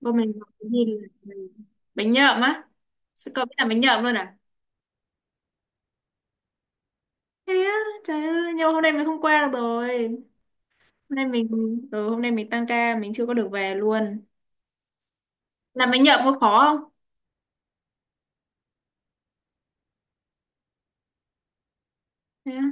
Bọn mình gọi cái gì là bánh nhậm á? Sự cậu biết làm bánh nhậm luôn à? Thế á? Trời ơi, nhưng mà hôm nay mình không qua được rồi. Hôm nay hôm nay mình tăng ca, mình chưa có được về luôn. Làm bánh nhậm có khó không? Thế á?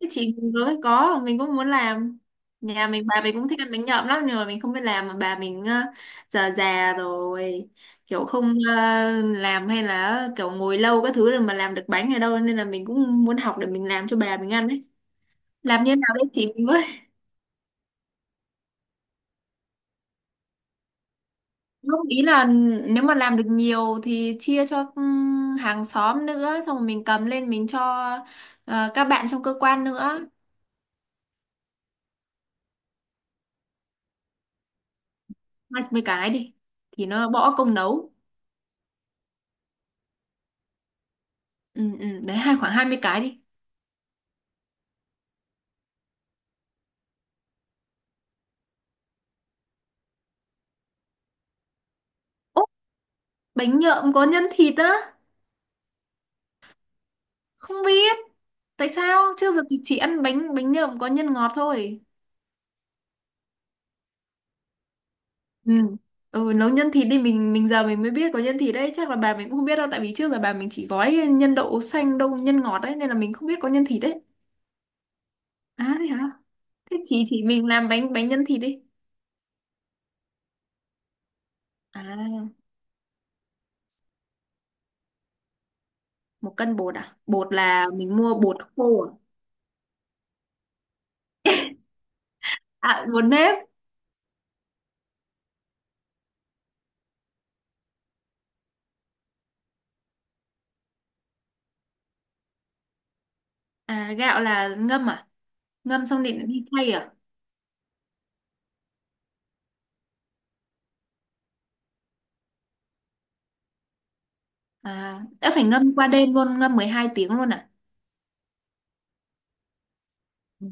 Thế chị mình với có mình cũng muốn làm. Nhà mình bà mình cũng thích ăn bánh nhậm lắm, nhưng mà mình không biết làm mà bà mình già già rồi, kiểu không ờ, làm hay là kiểu ngồi lâu các thứ rồi mà làm được bánh ở đâu, nên là mình cũng muốn học để mình làm cho bà mình ăn ấy. Làm như nào đấy chị mình với. Không, ý là nếu mà làm được nhiều thì chia cho hàng xóm nữa, xong rồi mình cầm lên mình cho các bạn trong cơ quan nữa. Hai mươi cái đi, thì nó bỏ công nấu. Ừ, ừ, đấy, hai khoảng 20 cái đi. Ố, bánh nhợm có nhân thịt á? Không biết tại sao trước giờ thì chỉ ăn bánh bánh nhợm có nhân ngọt thôi. Ừ, ừ, nấu nhân thịt đi. Mình giờ mình mới biết có nhân thịt đấy, chắc là bà mình cũng không biết đâu, tại vì trước giờ bà mình chỉ gói nhân đậu xanh, đậu nhân ngọt đấy, nên là mình không biết có nhân thịt đấy. À thế hả? Thế chị mình làm bánh bánh nhân thịt đi. À, một cân bột à? Bột là mình mua bột khô à? À, bột nếp. À, gạo là ngâm à? Ngâm xong định đi xay à? À, đã phải ngâm qua đêm luôn, ngâm 12 tiếng luôn à? Ừ,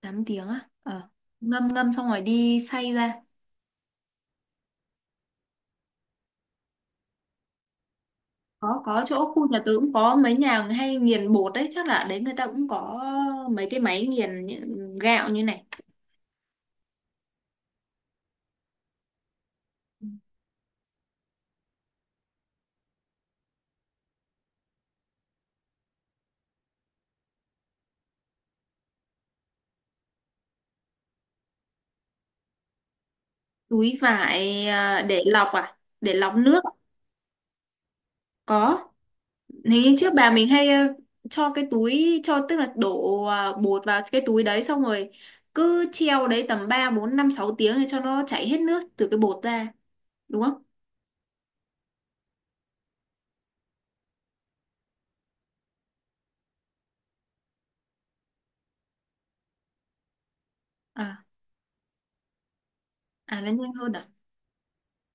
8 tiếng á? Ờ. Ngâm ngâm xong rồi đi xay ra. Có chỗ khu nhà tớ cũng có mấy nhà hay nghiền bột đấy, chắc là ở đấy người ta cũng có mấy cái máy nghiền những gạo như này. Túi vải à? Để lọc nước có. Thì trước bà mình hay cho cái túi cho, tức là đổ bột vào cái túi đấy, xong rồi cứ treo đấy tầm 3 4 5 6 tiếng để cho nó chảy hết nước từ cái bột ra, đúng không? À, à nó nhanh hơn à?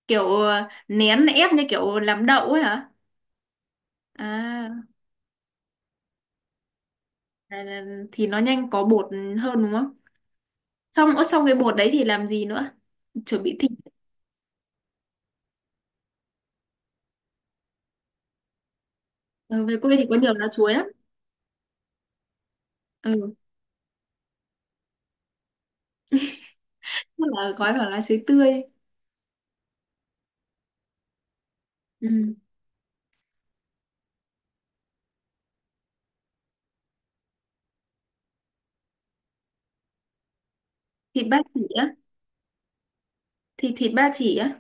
Kiểu nén ép như kiểu làm đậu ấy hả? À, thì nó nhanh có bột hơn đúng không? Xong ớ, xong cái bột đấy thì làm gì nữa? Chuẩn bị thịt. Ừ, về quê thì có nhiều lá chuối lắm. Ừ, tức là gói vào lá chuối tươi. Ừ. Thịt ba chỉ á, thì thịt ba chỉ á.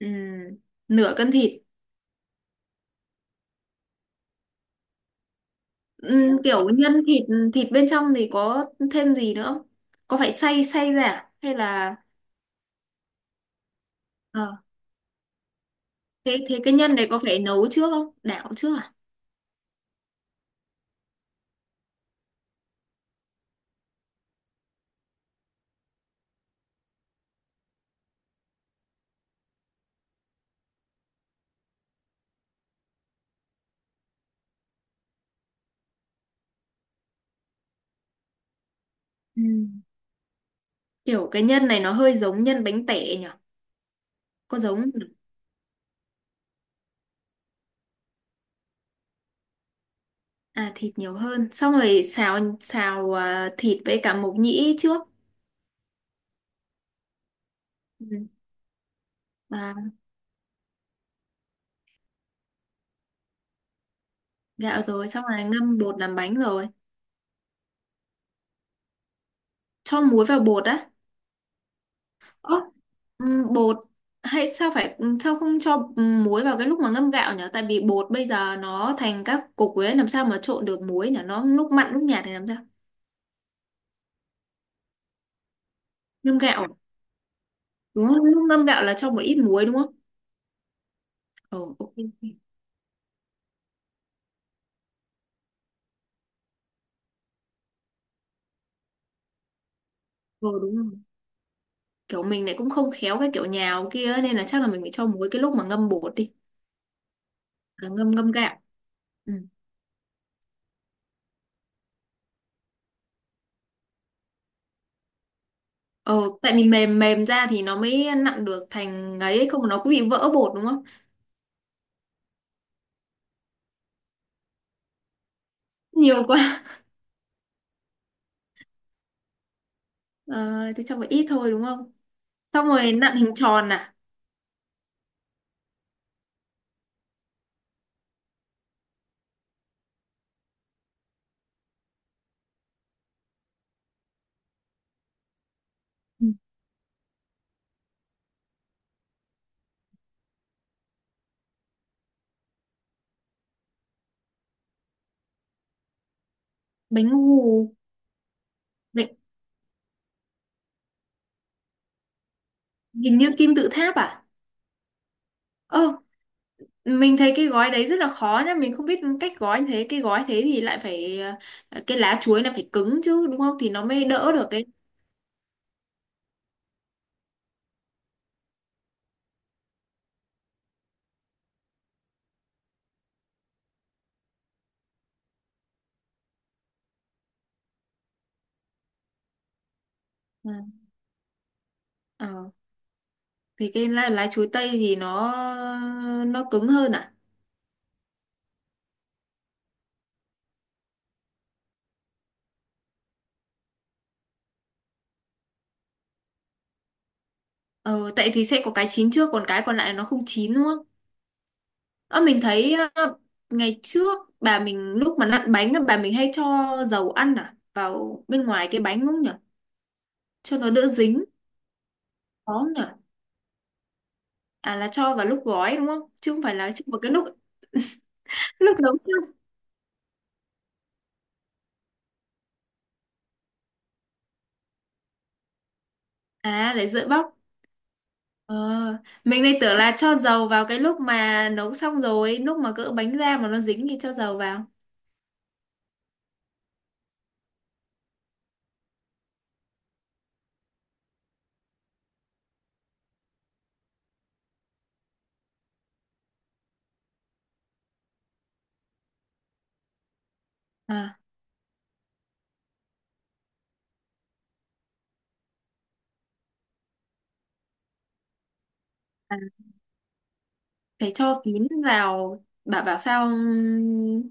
Ừ, nửa cân thịt. Ừ, kiểu nhân thịt, thịt bên trong thì có thêm gì nữa không? Có phải xay xay ra à? Hay là Ờ. Thế thế cái nhân này có phải nấu trước không, đảo trước à? Ừ. Kiểu cái nhân này nó hơi giống nhân bánh tẻ nhỉ, có giống không nhỉ? À thịt nhiều hơn, xong rồi xào xào à, thịt với cả mộc nhĩ trước. Ừ. À gạo rồi, xong rồi ngâm bột làm bánh rồi. Cho muối vào bột á? Bột hay sao, phải sao không cho muối vào cái lúc mà ngâm gạo nhỉ? Tại vì bột bây giờ nó thành các cục ấy, làm sao mà trộn được muối nhỉ? Nó lúc mặn lúc nhạt thì làm sao? Ngâm gạo đúng không? Lúc ngâm gạo là cho một ít muối đúng không? Ờ, ok. Ok. Ờ đúng rồi. Kiểu mình lại cũng không khéo cái kiểu nhào kia ấy, nên là chắc là mình phải cho muối cái lúc mà ngâm bột đi. À, ngâm ngâm gạo. Ừ. Ờ tại vì mềm mềm ra thì nó mới nặn được thành ấy, không nó cứ bị vỡ bột đúng không? Nhiều quá. Ờ thì cho một ít thôi đúng không? Xong rồi đến nặn hình tròn à? Ừ, bánh ngô. Bánh- hình như kim tự tháp à? Ơ mình thấy cái gói đấy rất là khó nhá, mình không biết cách gói, thế cái gói thế thì lại phải cái lá chuối là phải cứng chứ đúng không, thì nó mới đỡ được cái Ừ. Ờ thì cái lá chuối tây thì nó cứng hơn à? Ờ tại thì sẽ có cái chín trước, còn cái còn lại nó không chín đúng không? Ờ mình thấy ngày trước bà mình lúc mà nặn bánh á, bà mình hay cho dầu ăn vào bên ngoài cái bánh đúng không nhỉ, cho nó đỡ dính có không nhỉ? À là cho vào lúc gói đúng không, chứ không phải là cho vào cái lúc lúc nấu xong. À để dễ bóc. Ờ, mình lại tưởng là cho dầu vào cái lúc mà nấu xong rồi, lúc mà cỡ bánh ra mà nó dính thì cho dầu vào. À, à phải cho kín vào, bà bảo sao,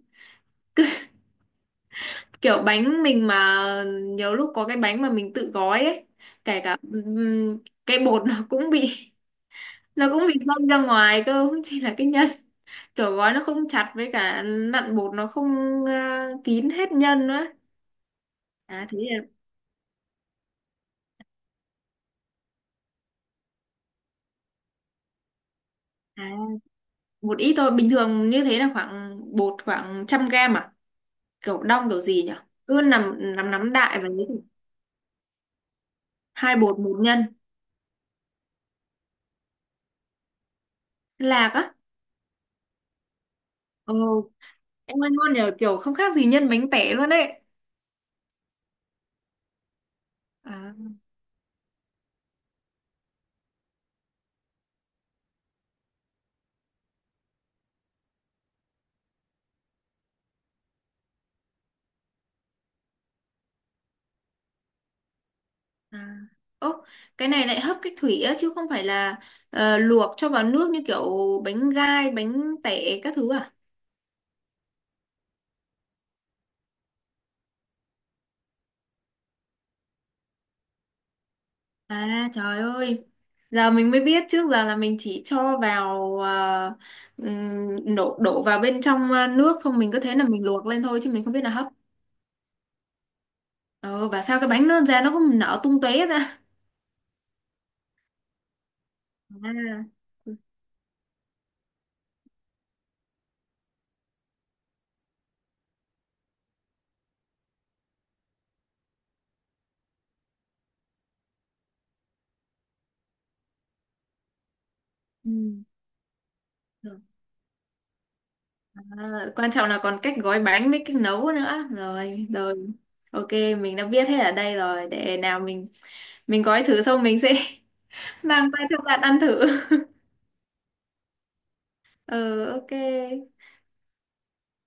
kiểu bánh mình mà nhiều lúc có cái bánh mà mình tự gói ấy, kể cả cái bột nó cũng bị dâng ra ngoài cơ, không chỉ là cái nhân, kiểu gói nó không chặt với cả nặn bột nó không à, kín hết nhân nữa. À thế là À, một ít thôi, bình thường như thế là khoảng bột khoảng 100 g à, kiểu đong kiểu gì nhỉ, cứ nằm nắm nắm đại và lấy. Hai bột một nhân. Lạc á? Ồ, em ơi ngon nhờ, kiểu không khác gì nhân bánh tẻ luôn đấy. À, à. Ố, cái này lại hấp cách thủy á chứ không phải là luộc cho vào nước như kiểu bánh gai bánh tẻ các thứ à? À trời ơi, giờ mình mới biết, trước giờ là mình chỉ cho vào đổ đổ vào bên trong à, nước không mình cứ thế là mình luộc lên thôi chứ mình không biết là hấp. Ờ và sao cái bánh nó ra nó cũng nở tung tóe ra. À. Ừ. Được. À, quan trọng là còn cách gói bánh với cách nấu nữa. Rồi, rồi. Ok, mình đã biết hết ở đây rồi. Để nào mình gói thử xong mình sẽ mang qua cho bạn ăn thử. Ừ ok.